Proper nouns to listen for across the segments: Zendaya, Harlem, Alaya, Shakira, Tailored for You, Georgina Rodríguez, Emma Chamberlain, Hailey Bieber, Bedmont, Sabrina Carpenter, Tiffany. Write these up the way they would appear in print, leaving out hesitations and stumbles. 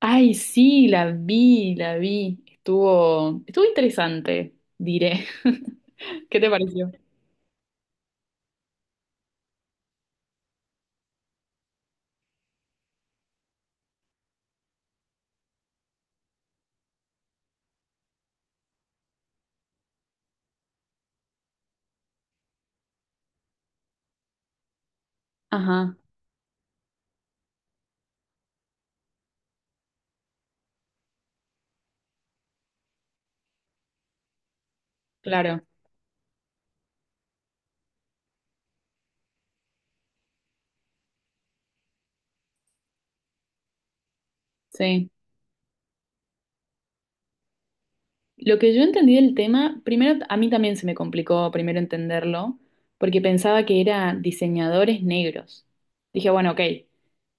Ay, sí, la vi. Estuvo interesante, diré. ¿Qué te pareció? Ajá, claro, sí. Lo que yo entendí del tema, primero a mí también se me complicó primero entenderlo, porque pensaba que era diseñadores negros. Dije, bueno, ok.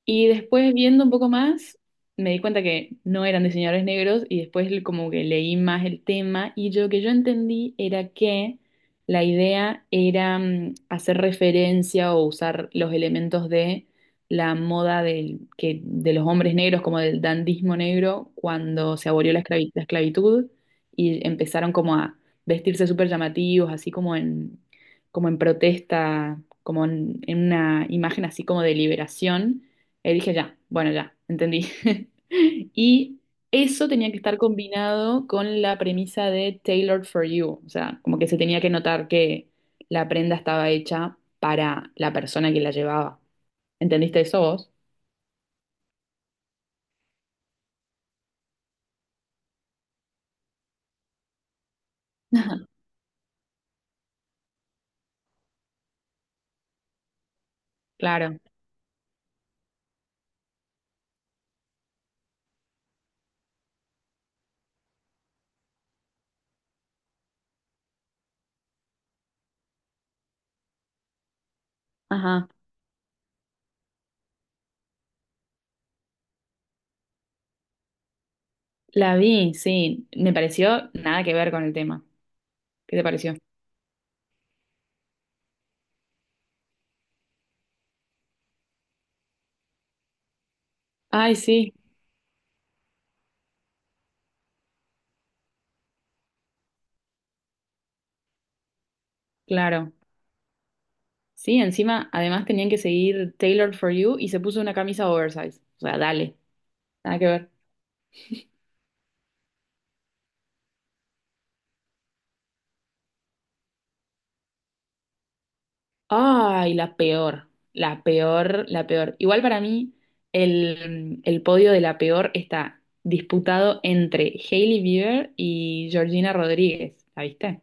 Y después viendo un poco más, me di cuenta que no eran diseñadores negros y después como que leí más el tema lo que yo entendí era que la idea era hacer referencia o usar los elementos de la moda de los hombres negros, como del dandismo negro, cuando se abolió la la esclavitud y empezaron como a vestirse súper llamativos, como en protesta, en una imagen así como de liberación. Y dije, ya, bueno, ya, entendí. Y eso tenía que estar combinado con la premisa de Tailored for You, o sea, como que se tenía que notar que la prenda estaba hecha para la persona que la llevaba. ¿Entendiste eso vos? Ajá. Claro. Ajá. La vi, sí. Me pareció nada que ver con el tema. ¿Qué te pareció? Ay, sí, claro. Sí, encima, además tenían que seguir Tailored for You y se puso una camisa oversize. O sea, dale, nada que ver. Ay, la peor, la peor, la peor. Igual para mí, el podio de la peor está disputado entre Hailey Bieber y Georgina Rodríguez. ¿La viste?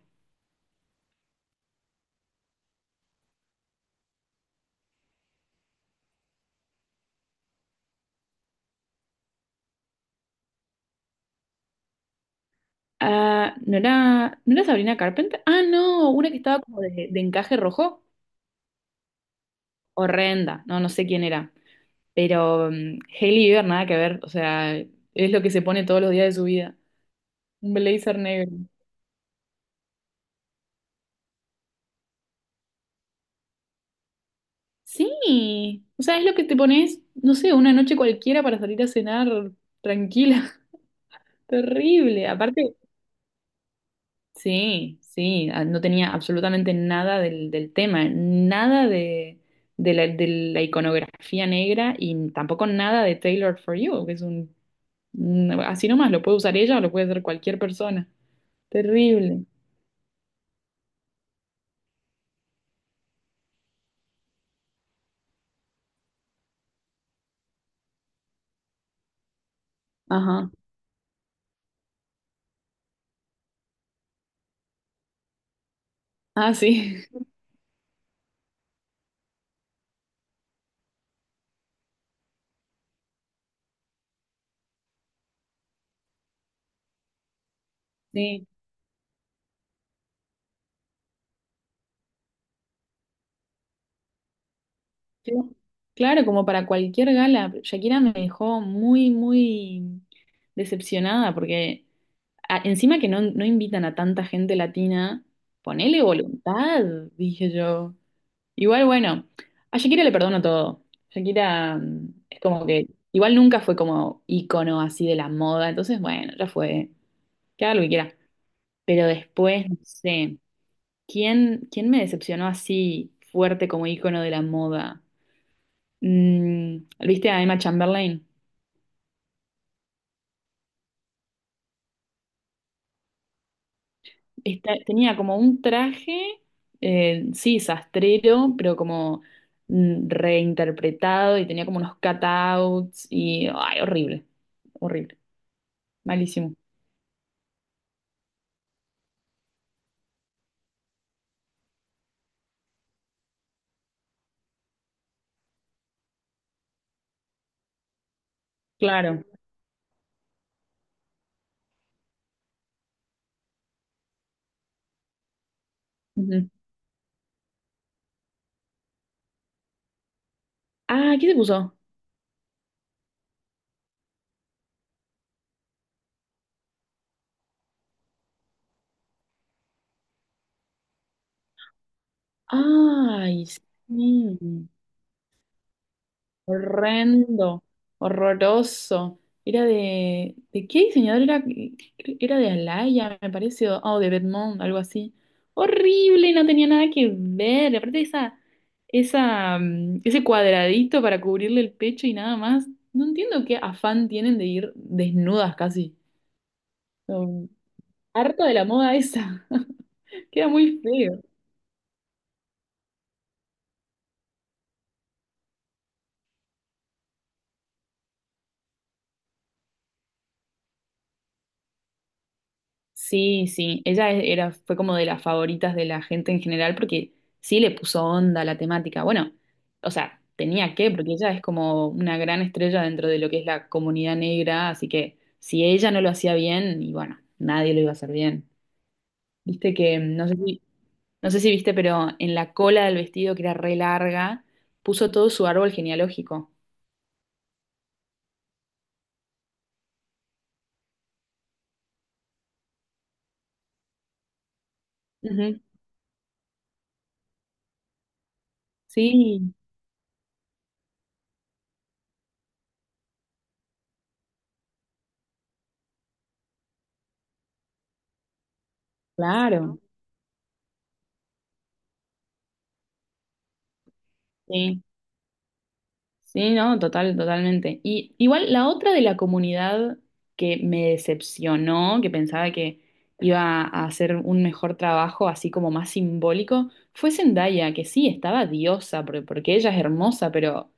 Ah, ¿no era Sabrina Carpenter? Ah, no, una que estaba como de encaje rojo. Horrenda. No, no sé quién era. Pero Hailey Bieber nada que ver, o sea, es lo que se pone todos los días de su vida. Un blazer negro. Sí, o sea, es lo que te pones, no sé, una noche cualquiera para salir a cenar tranquila. Terrible. Aparte, sí, sí, no tenía absolutamente nada del tema, nada de, de la iconografía negra y tampoco nada de Tailored for You, que es así nomás, lo puede usar ella o lo puede hacer cualquier persona. Terrible. Ajá. Ah, sí. Sí, sí. Claro, como para cualquier gala. Shakira me dejó muy, muy decepcionada porque encima que no, no invitan a tanta gente latina, ponele voluntad, dije yo. Igual, bueno, a Shakira le perdono todo. Shakira es como que igual nunca fue como icono así de la moda, entonces bueno, ya fue, que haga lo que quiera. Pero después, no sé, ¿quién, quién me decepcionó así fuerte como icono de la moda? Mm, ¿viste a Emma Chamberlain? Tenía como un traje, sí, sastrero, pero como reinterpretado y tenía como unos cutouts y, ay, horrible, horrible, malísimo. Claro. Ujú. Ah, ¿qué se puso? Ay, sí. Horrendo, horroroso. Era ¿de qué diseñador era? Era de Alaya, me parece, o de Bedmont, algo así. Horrible, no tenía nada que ver. Aparte ese cuadradito para cubrirle el pecho y nada más. No entiendo qué afán tienen de ir desnudas casi. No, harto de la moda esa. Queda muy feo. Sí, sí, ella fue como de las favoritas de la gente en general porque sí le puso onda a la temática. Bueno, o sea, tenía que, porque ella es como una gran estrella dentro de lo que es la comunidad negra, así que si ella no lo hacía bien, y bueno, nadie lo iba a hacer bien. Viste que, no sé si viste, pero en la cola del vestido, que era re larga, puso todo su árbol genealógico. Ujú. Sí, claro. Sí. Sí, no, total, totalmente. Y igual la otra de la comunidad que me decepcionó, que pensaba que iba a hacer un mejor trabajo, así como más simbólico, fue Zendaya, que sí, estaba diosa, porque ella es hermosa, pero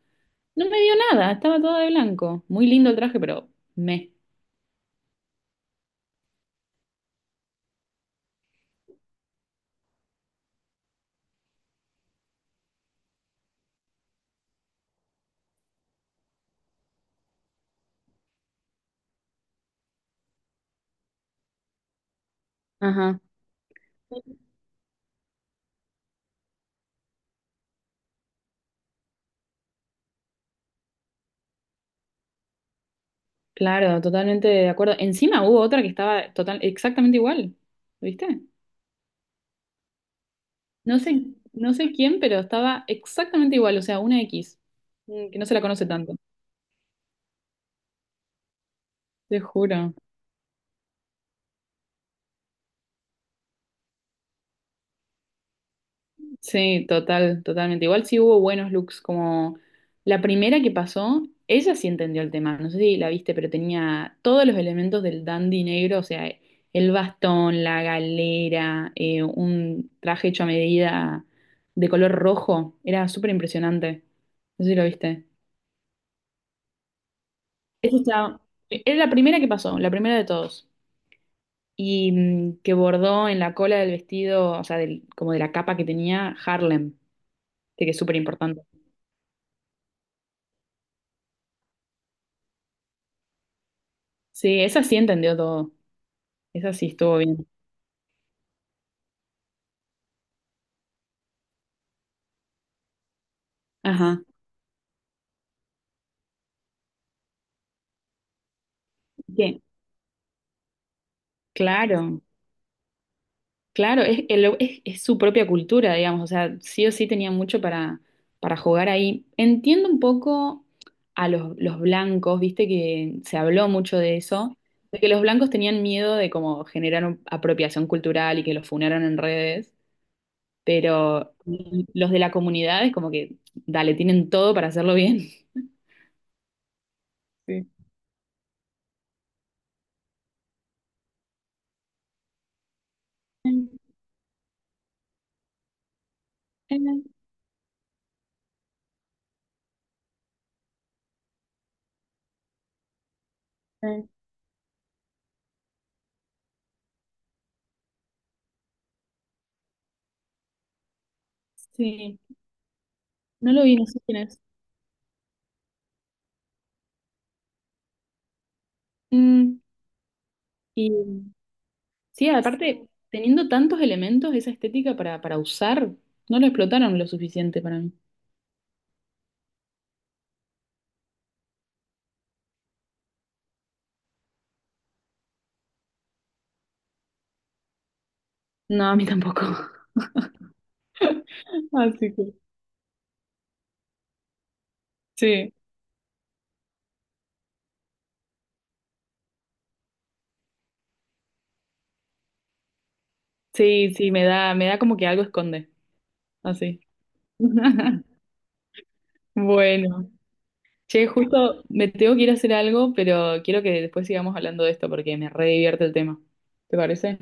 no me dio nada, estaba toda de blanco. Muy lindo el traje, pero me. Ajá. Claro, totalmente de acuerdo. Encima hubo otra que estaba total, exactamente igual, ¿viste? No sé, no sé quién, pero estaba exactamente igual, o sea, una X, que no se la conoce tanto, te juro. Sí, total, totalmente. Igual sí hubo buenos looks, como la primera que pasó, ella sí entendió el tema, no sé si la viste, pero tenía todos los elementos del dandy negro, o sea, el bastón, la galera, un traje hecho a medida de color rojo, era súper impresionante, no sé si lo viste. Esa estaba- era la primera que pasó, la primera de todos. Y que bordó en la cola del vestido, o sea, como de la capa que tenía, Harlem, que es súper importante. Sí, esa sí entendió todo, esa sí estuvo bien. Ajá. Bien. Claro, claro, es su propia cultura, digamos, o sea, sí o sí tenía mucho para jugar ahí. Entiendo un poco a los blancos, viste que se habló mucho de eso, de que los blancos tenían miedo de como generar apropiación cultural y que los funaran en redes. Pero los de la comunidad es como que, dale, tienen todo para hacerlo bien. Sí. Sí, no lo vi, no sé quién es. Mm, y sí, aparte, teniendo tantos elementos, esa estética para usar, no lo explotaron lo suficiente para mí. No, a mí tampoco. Así que sí, sí, sí, me da como que algo esconde, así. Bueno, che, justo me tengo que ir a hacer algo, pero quiero que después sigamos hablando de esto porque me re divierte el tema. ¿Te parece?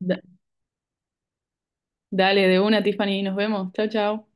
Da- dale, de una, Tiffany, nos vemos. Chao, chao.